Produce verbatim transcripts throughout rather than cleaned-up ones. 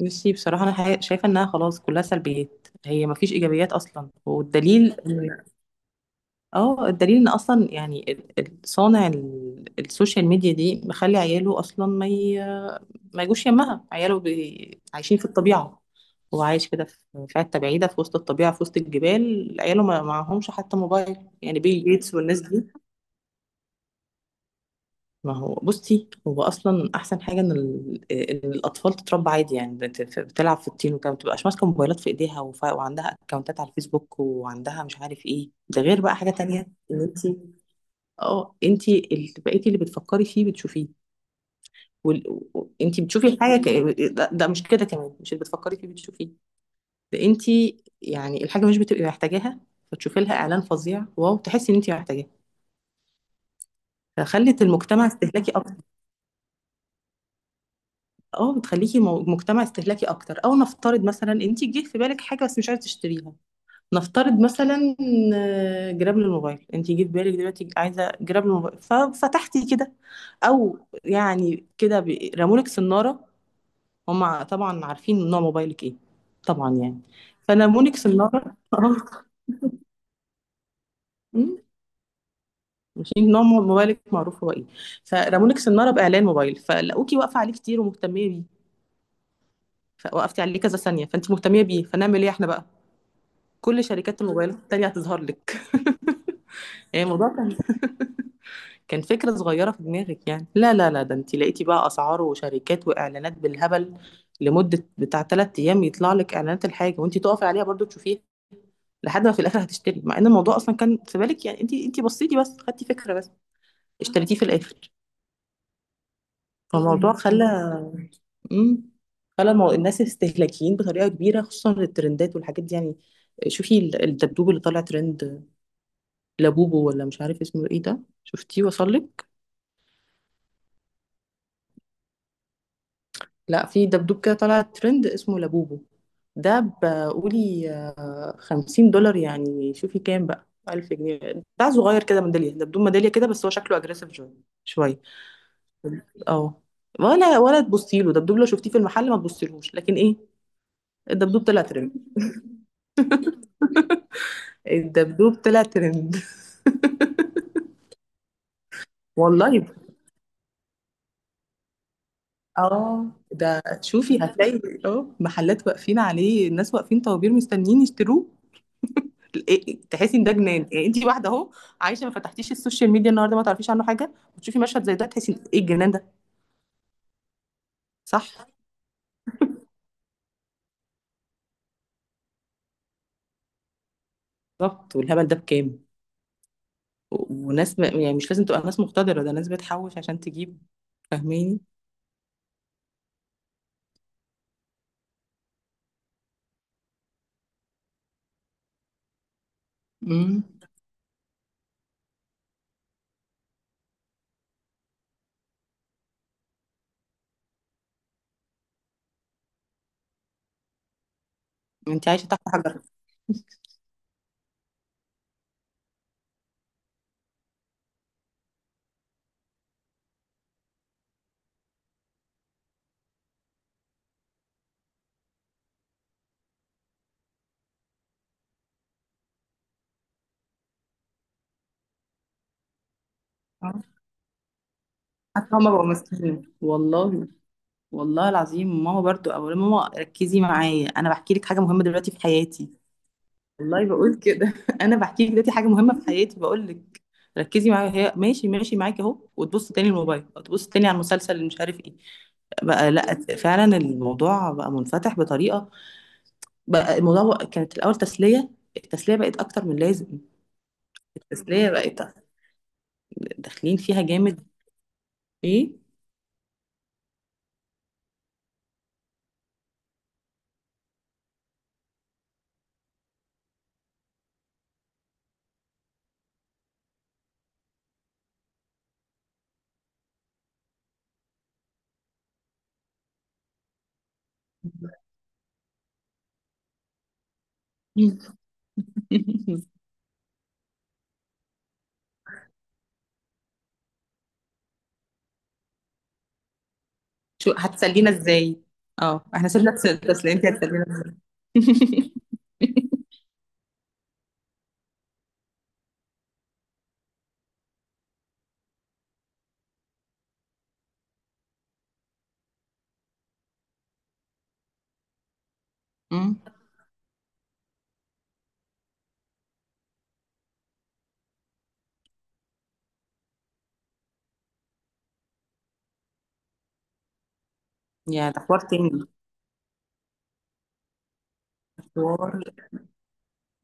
بصي، بصراحة أنا حي- شايفة إنها خلاص كلها سلبيات. هي مفيش إيجابيات أصلا، والدليل إن- اه الدليل إن أصلا يعني ال- ال- صانع ال- السوشيال ميديا دي مخلي عياله أصلا ما ي... ما يجوش يمها. عياله بي... عايشين في الطبيعة. هو عايش كده في في حتة بعيدة، في وسط الطبيعة، في وسط الجبال. عياله ما معهمش حتى موبايل، يعني بيل جيتس والناس دي. ما هو بصي، هو اصلا احسن حاجه ان ال- إن الاطفال تتربى عادي، يعني بت- بتلعب في الطين وكده، ما بتبقاش ماسكه موبايلات في ايديها وف- وعندها اكونتات على الفيسبوك، وعندها مش عارف ايه. ده غير بقى حاجه تانية، ان انت. اه، انت اللي بقيتي اللي بتفكري فيه بتشوفيه. وال... و- انت بتشوفي الحاجه ك... ده, ده مش كده؟ كمان مش اللي بتفكري فيه بتشوفيه؟ ده انت يعني الحاجه مش بتبقي محتاجاها، فتشوفي لها اعلان فظيع، واو، تحسي ان انت محتاجاها. فخلت المجتمع استهلاكي. اه، بتخليكي مو- مجتمع استهلاكي اكتر. او نفترض مثلا، انت جه في بالك حاجه بس مش عايزه تشتريها. نفترض مثلا، آه، جراب للموبايل. انت جه في بالك دلوقتي عايزه جراب للموبايل، ففتحتي كده. او يعني كده، ب- رمولك سناره. هم طبعا عارفين نوع موبايلك ايه، طبعا يعني. فرمولك سناره. اه. مم. عارفين نوع موبايلك معروف هو ايه. فرمولك سناره باعلان موبايل، فلقوكي واقفه عليه كتير ومهتميه بيه. فوقفتي عليه كذا ثانيه، فانت مهتميه بيه، فنعمل ايه احنا بقى؟ كل شركات الموبايلات التانية هتظهر لك. يعني الموضوع كان كان فكرة صغيرة في دماغك يعني. لا لا لا، ده انت لقيتي بقى اسعار وشركات واعلانات بالهبل، لمدة بتاع ثلاث ايام يطلع لك اعلانات الحاجة، وانت تقفي عليها برضو تشوفيها، لحد ما في الاخر هتشتري. مع ان الموضوع اصلا كان في بالك، يعني انت انت بصيتي بس، خدتي فكرة بس. اشتريتيه في الاخر. فالموضوع خلى. امم خلى المو... الناس استهلاكيين بطريقة كبيرة، خصوصا الترندات والحاجات دي يعني. شوفي ال- الدبدوب اللي طالع ترند، لابوبو ولا مش عارف اسمه ايه ده. شفتيه؟ وصل لك؟ لا، في دبدوب كده طلع ترند اسمه لابوبو. ده بقولي آه، خمسين دولار، يعني شوفي كام بقى. ألف جنيه. بتاع صغير كده، ميدالية دبدوب، ميدالية كده، بس هو شكله أجريسيف شوية. شوية. اه. ولا ولا تبصي له، دبدوب لو شفتيه في المحل ما تبصيلهوش. لكن ايه، الدبدوب طلع ترند. الدبدوب طلع ترند. والله ب- اه ده شوفي، هتلاقي اه محلات واقفين عليه، الناس واقفين طوابير مستنيين يشتروه. إيه- تحسي ان ده جنان. يعني انت واحده اهو عايشه، ما فتحتيش السوشيال ميديا النهارده ما تعرفيش عنه حاجه، وتشوفي مشهد زي ده، تحسي إن ايه الجنان ده. صح، بالظبط. والهبل ده بكام. و- وناس، م... يعني مش لازم تبقى ناس مقتدره، ده ناس بتحوش عشان تجيب. فاهماني؟ امم انت عايشه تحت حجر. آه. حتى هما بقوا ماسكين والله. والله العظيم، ماما برضو، او ماما ركزي معايا، انا بحكي لك حاجه مهمه دلوقتي في حياتي. والله بقول كده. انا بحكي لك دلوقتي حاجه مهمه في حياتي، بقول لك ركزي معايا. هي ماشي، ماشي معاكي اهو، وتبص تاني الموبايل، وتبص تاني على المسلسل اللي مش عارف ايه. بقى لا، فعلا الموضوع بقى منفتح بطريقه. بقى الموضوع بقى- كانت الاول تسليه. التسليه بقت اكتر من لازم. التسليه بقت داخلين فيها جامد. ايه؟ شو هتسلينا ازاي؟ اه، احنا سيبنا التسليه، انت هتسلينا ازاي؟ أمم. يا ده حوار تاني. حوار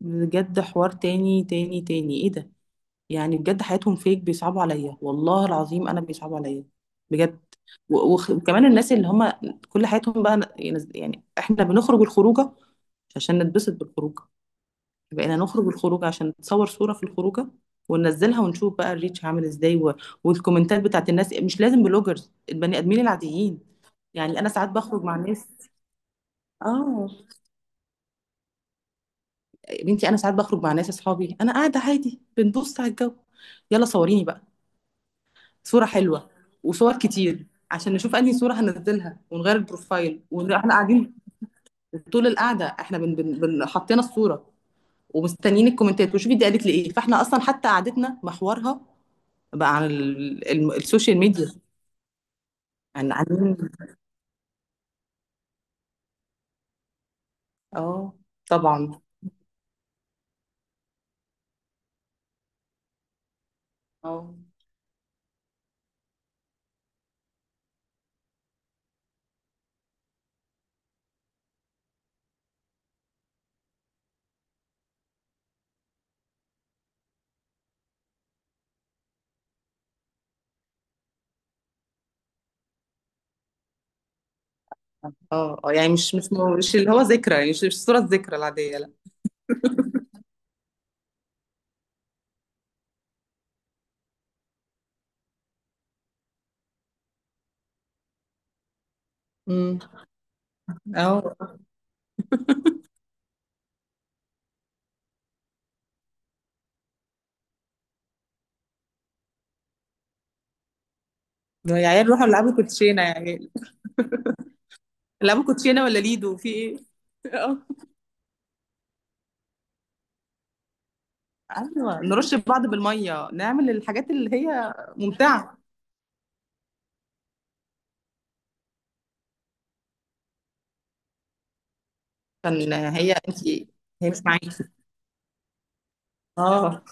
بجد. حوار تاني تاني تاني. ايه ده؟ يعني بجد حياتهم فيك بيصعبوا عليا، والله العظيم انا بيصعبوا عليا بجد. و- وخ- وكمان الناس اللي هم كل حياتهم بقى ينز- يعني احنا بنخرج الخروجه مش عشان نتبسط بالخروجه. بقينا نخرج الخروجه عشان نتصور صوره في الخروجه، وننزلها ونشوف بقى الريتش عامل ازاي، و... والكومنتات بتاعت الناس، مش لازم بلوجرز، البني ادمين العاديين. يعني انا ساعات بخرج مع ناس. اه يا بنتي، انا ساعات بخرج مع ناس اصحابي، انا قاعده عادي بنبص على الجو. يلا صوريني بقى. صورة حلوة، وصور كتير، عشان نشوف انهي صورة هننزلها ونغير البروفايل واحنا قاعدين. طول القعدة احنا بن بن بن حطينا الصورة، ومستنيين الكومنتات وشوفي دي قالت لي ايه. فاحنا اصلا حتى قعدتنا محورها بقى عن ال- الم- السوشيال ميديا. عن عن. اه. طبعا. اه. اه اه يعني مش مش مش اللي هو ذكرى، يعني مش مش الصورة الذكرى العادية، لا. امم اه، يا عيال روحوا العبوا كوتشينة يعني. العبوا كوتشينة ولا ليدو، في ايه؟ اه. أيوه، نرُش بعض بالمَيّة، نعمل الحاجات اللي هي ممتعة، عشان هي أنتِ، هي مش معاكِ. آه،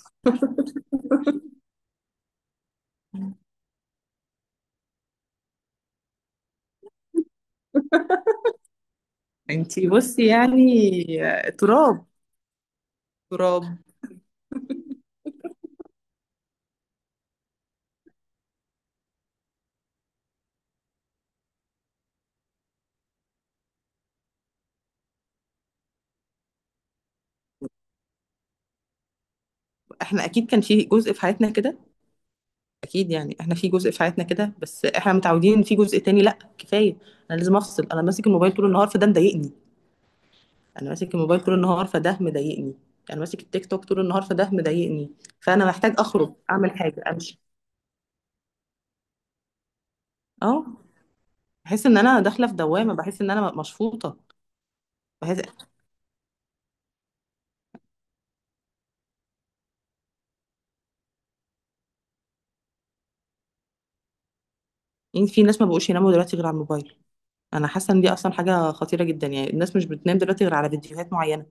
أنتِ بُصّي يعني. آه، تراب، تراب. إحنا أكيد كان في جزء في حياتنا كده. أكيد، يعني إحنا في جزء في حياتنا كده، بس إحنا متعودين إن في جزء تاني. لأ، كفاية، أنا لازم أفصل. أنا ماسك الموبايل طول النهار فده مضايقني. أنا ماسك الموبايل طول النهار فده مضايقني. أنا ماسك التيك توك طول النهار فده مضايقني. فأنا محتاج أخرج، أعمل حاجة، أمشي. آه، باحس إن أنا داخلة في دوّامة، باحس إن أنا م مشفوطة. بحيث يعني في ناس ما بقوش يناموا دلوقتي غير على الموبايل. انا حاسه ان دي اصلا حاجه خطيره جدا. يعني الناس مش بتنام دلوقتي غير على فيديوهات معينه.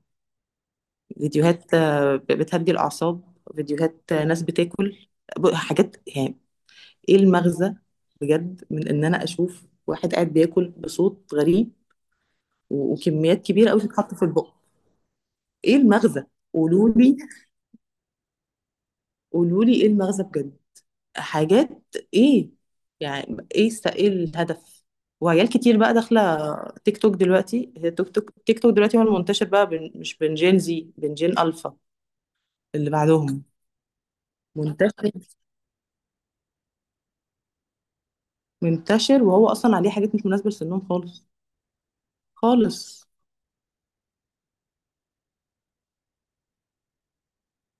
فيديوهات آه، ب- بتهدي الاعصاب. فيديوهات آه، ناس بتاكل ب- حاجات يعني. ايه المغزى بجد من ان انا اشوف واحد قاعد بياكل بصوت غريب و- وكميات كبيره قوي تتحط في البق. ايه المغزى؟ قولوا لي، قولوا لي ايه المغزى بجد. حاجات. ايه؟ يعني ايه، است- ايه الهدف. وعيال كتير بقى داخله تيك توك دلوقتي. هي تيك توك تيك توك دلوقتي هو المنتشر بقى بين، مش بين جين زي، بين جين الفا اللي بعدهم. منتشر. منتشر، وهو اصلا عليه حاجات مش مناسبه لسنهم خالص. خالص.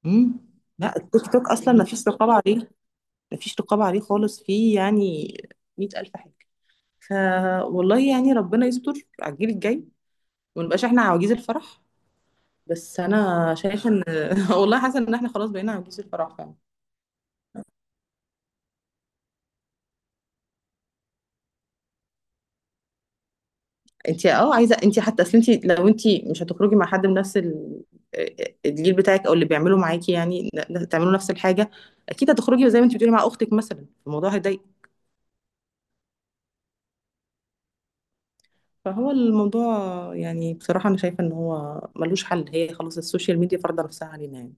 امم. لا، التيك توك اصلا ما فيش رقابه عليه. ما فيش رقابه عليه خالص، فيه يعني مئة ألف حاجه. ف والله يعني ربنا يستر على الجيل الجاي، ونبقاش احنا عواجيز الفرح. بس انا شايفه ان والله حاسه ان احنا خلاص بقينا عجوز الفرح فعلا. انت، اه عايزه انت، حتى اصل انت لو انت مش هتخرجي مع حد من نفس ال- آه، الجيل بتاعك، او اللي بيعملوا معاكي يعني، ن- تعملوا نفس الحاجه، اكيد هتخرجي زي ما انت بتقولي مع اختك مثلا، الموضوع هيضايق. فهو الموضوع، يعني بصراحه انا شايفه ان هو ملوش حل. هي خلاص السوشيال ميديا فرض نفسها علينا يعني.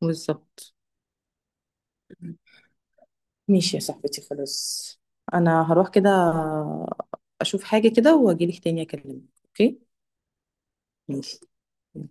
بالظبط. ماشي يا صاحبتي، خلاص. انا هروح كده اشوف حاجه كده واجيلك تاني اكلمك، اوكي؟ ماشي. و...